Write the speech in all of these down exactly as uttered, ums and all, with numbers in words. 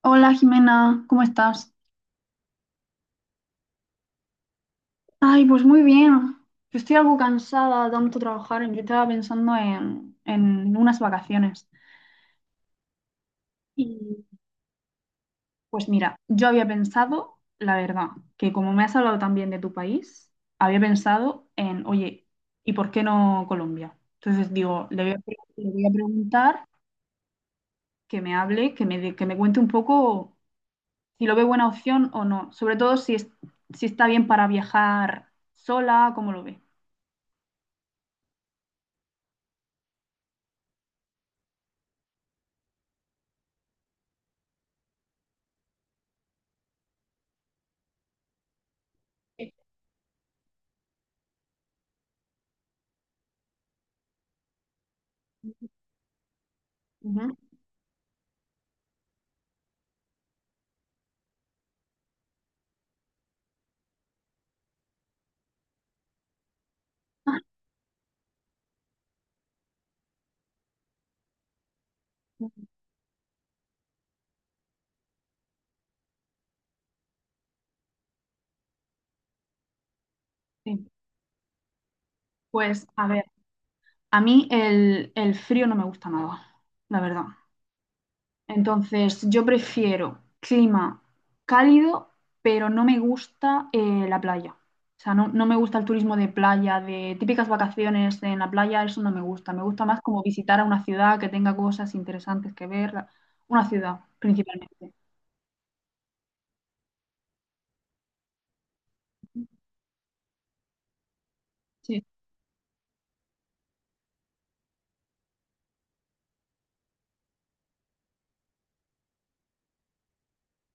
Hola Jimena, ¿cómo estás? Ay, pues muy bien. Yo estoy algo cansada de tanto trabajar. Yo estaba pensando en, en unas vacaciones. Y pues mira, yo había pensado, la verdad, que como me has hablado también de tu país, había pensado en, oye, ¿y por qué no Colombia? Entonces digo, le voy a, pre- le voy a preguntar que me hable, que me, dé- que me cuente un poco si lo ve buena opción o no. Sobre todo si, es- si está bien para viajar sola, ¿cómo lo ve? Ujú. Sí. Pues a ver, a mí el, el frío no me gusta nada, la verdad. Entonces, yo prefiero clima cálido, pero no me gusta eh, la playa. O sea, no, no me gusta el turismo de playa, de típicas vacaciones en la playa, eso no me gusta. Me gusta más como visitar a una ciudad que tenga cosas interesantes que ver, la- una ciudad principalmente. Sí.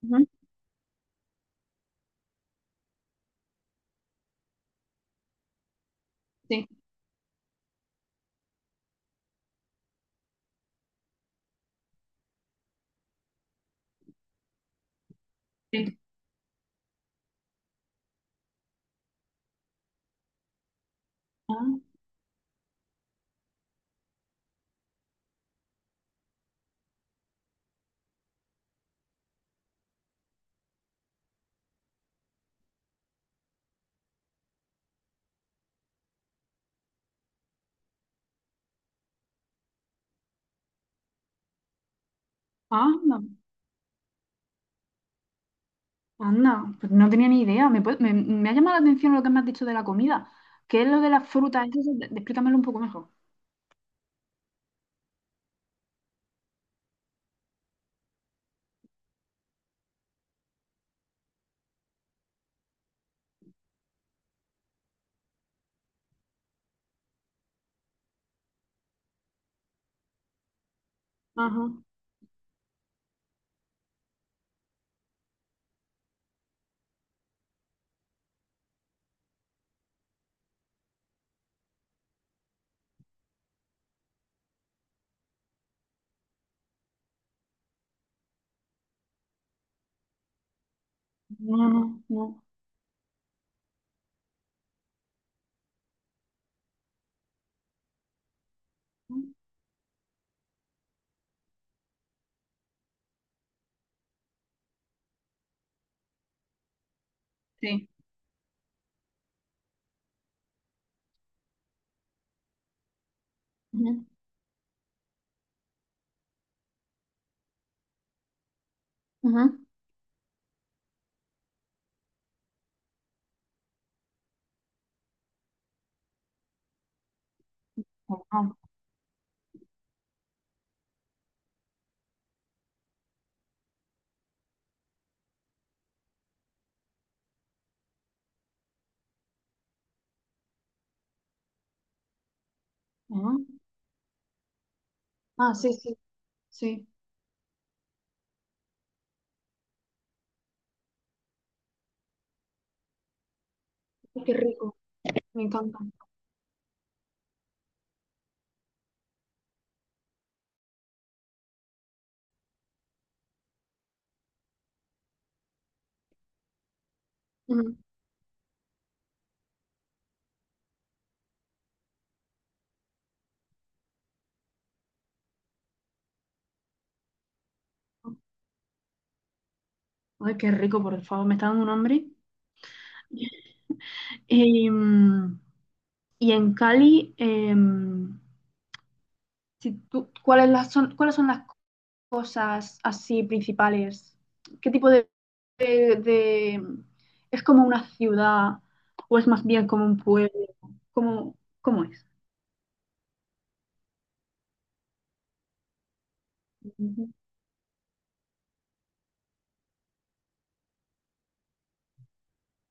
Ujú. Sí. Sí. Ah, ah, no. Anda, pues no tenía ni idea. Me, puede- me, me ha llamado la atención lo que me has dicho de la comida. ¿Qué es lo de las frutas? Eso, sí, explícamelo un poco mejor. Ajá. No, no, no. Sí. Ujú, ujú. Guau, ujú. Ah, sí, sí, sí. Ay, qué rico. Me encanta. Ujú. Ay, qué rico, por favor. Me está dando un hambre. Y, mm, y en Cali, em, si tú- ¿cuáles las son, ¿cuáles son las cosas así principales? ¿Qué tipo de, de- de- ¿Es como una ciudad o es más bien como un pueblo? ¿Cómo, cómo es? Ujú.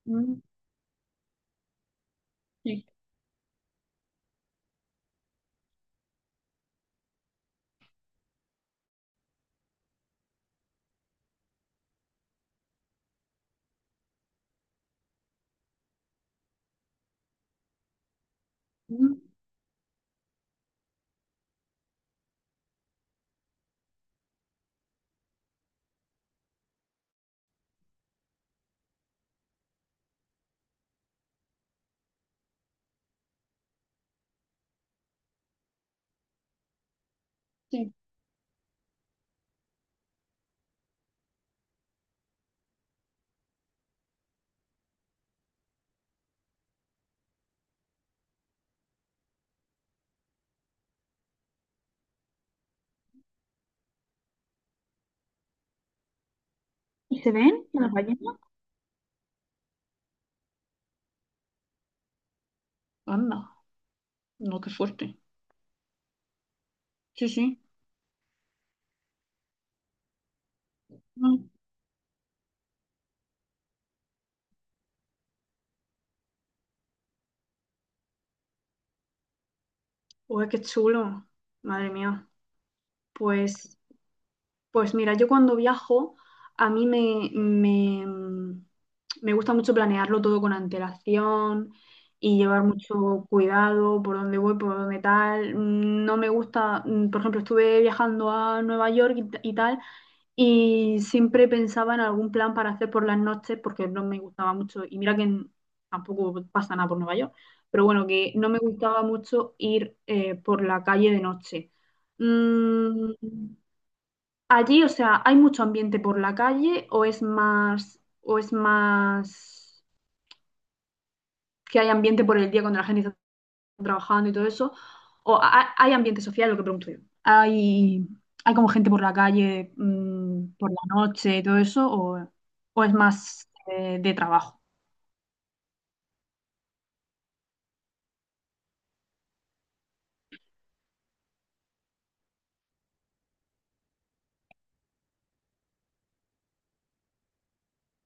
Mm, sí. Mm, sí. Una calle. Anda. No, qué fuerte. Sí, sí. Mm. Uy, qué chulo. Madre mía. Pues... Pues mira, yo cuando viajo, a mí me, me, mm, me gusta mucho planearlo todo con antelación y llevar mucho cuidado por dónde voy, por dónde tal. Mm, No me gusta, mm, por ejemplo, estuve viajando a Nueva York y, t- y tal, y siempre pensaba en algún plan para hacer por las noches porque no me gustaba mucho. Y mira que en- tampoco pasa nada por Nueva York, pero bueno, que no me gustaba mucho ir eh, por la calle de noche. Mm, Allí, o sea, ¿hay mucho ambiente por la calle o es más, o es más que hay ambiente por el día cuando la gente está trabajando y todo eso? ¿O ha- hay ambiente social? Lo que pregunto yo. ¿Hay, hay como gente por la calle, mm, por la noche y todo eso? ¿O, o es más eh, de trabajo?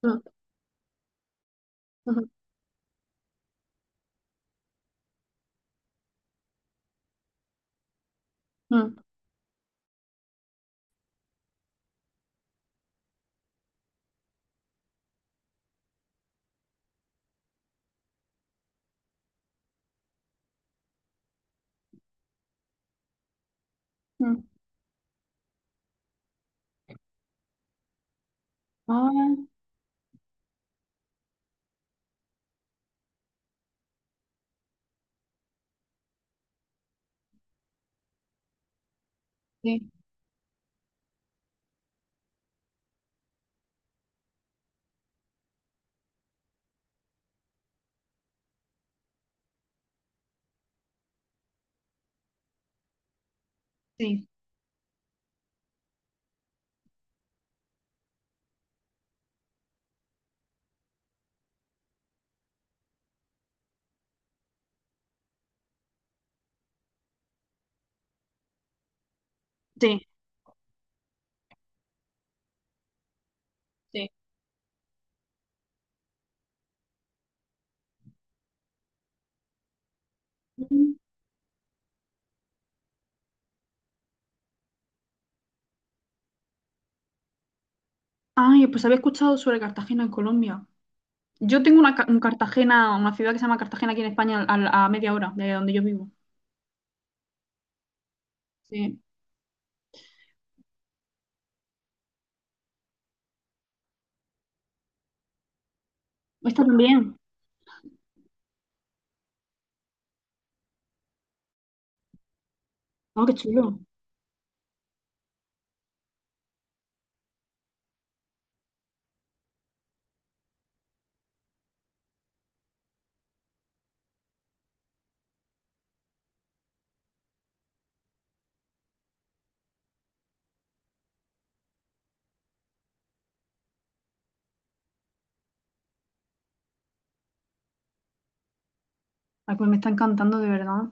Mm, ujú, mm, mm. Ah, sí, sí, sí, sí. Mm. Ay, pues había escuchado sobre Cartagena en Colombia. Yo tengo una, ca- un Cartagena, una ciudad que se llama Cartagena aquí en España, al- a, media hora de donde yo vivo. Sí. Esta también. Oh, qué chulo. Ay, pues me está encantando de verdad.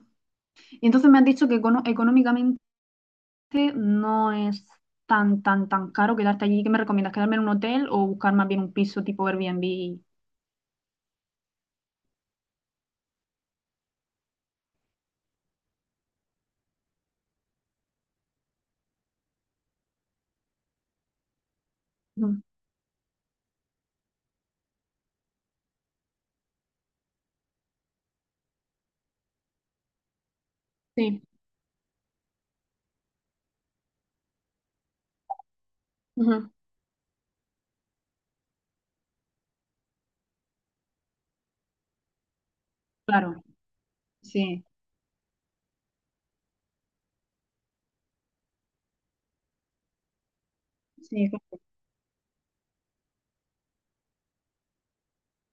Y entonces me han dicho que econo- económicamente no es tan, tan, tan caro quedarte allí. ¿Qué me recomiendas? ¿Quedarme en un hotel o buscar más bien un piso tipo Airbnb? Ujú. Sí. Ujú. Claro. Sí. Sí. Claro.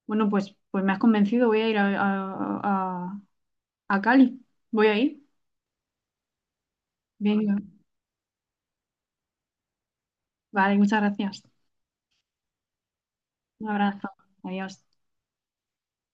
Bueno, pues, pues me has convencido. Voy a ir a, a, a a Cali. Voy a ir. Venga. Vale, muchas gracias. Un abrazo. Adiós.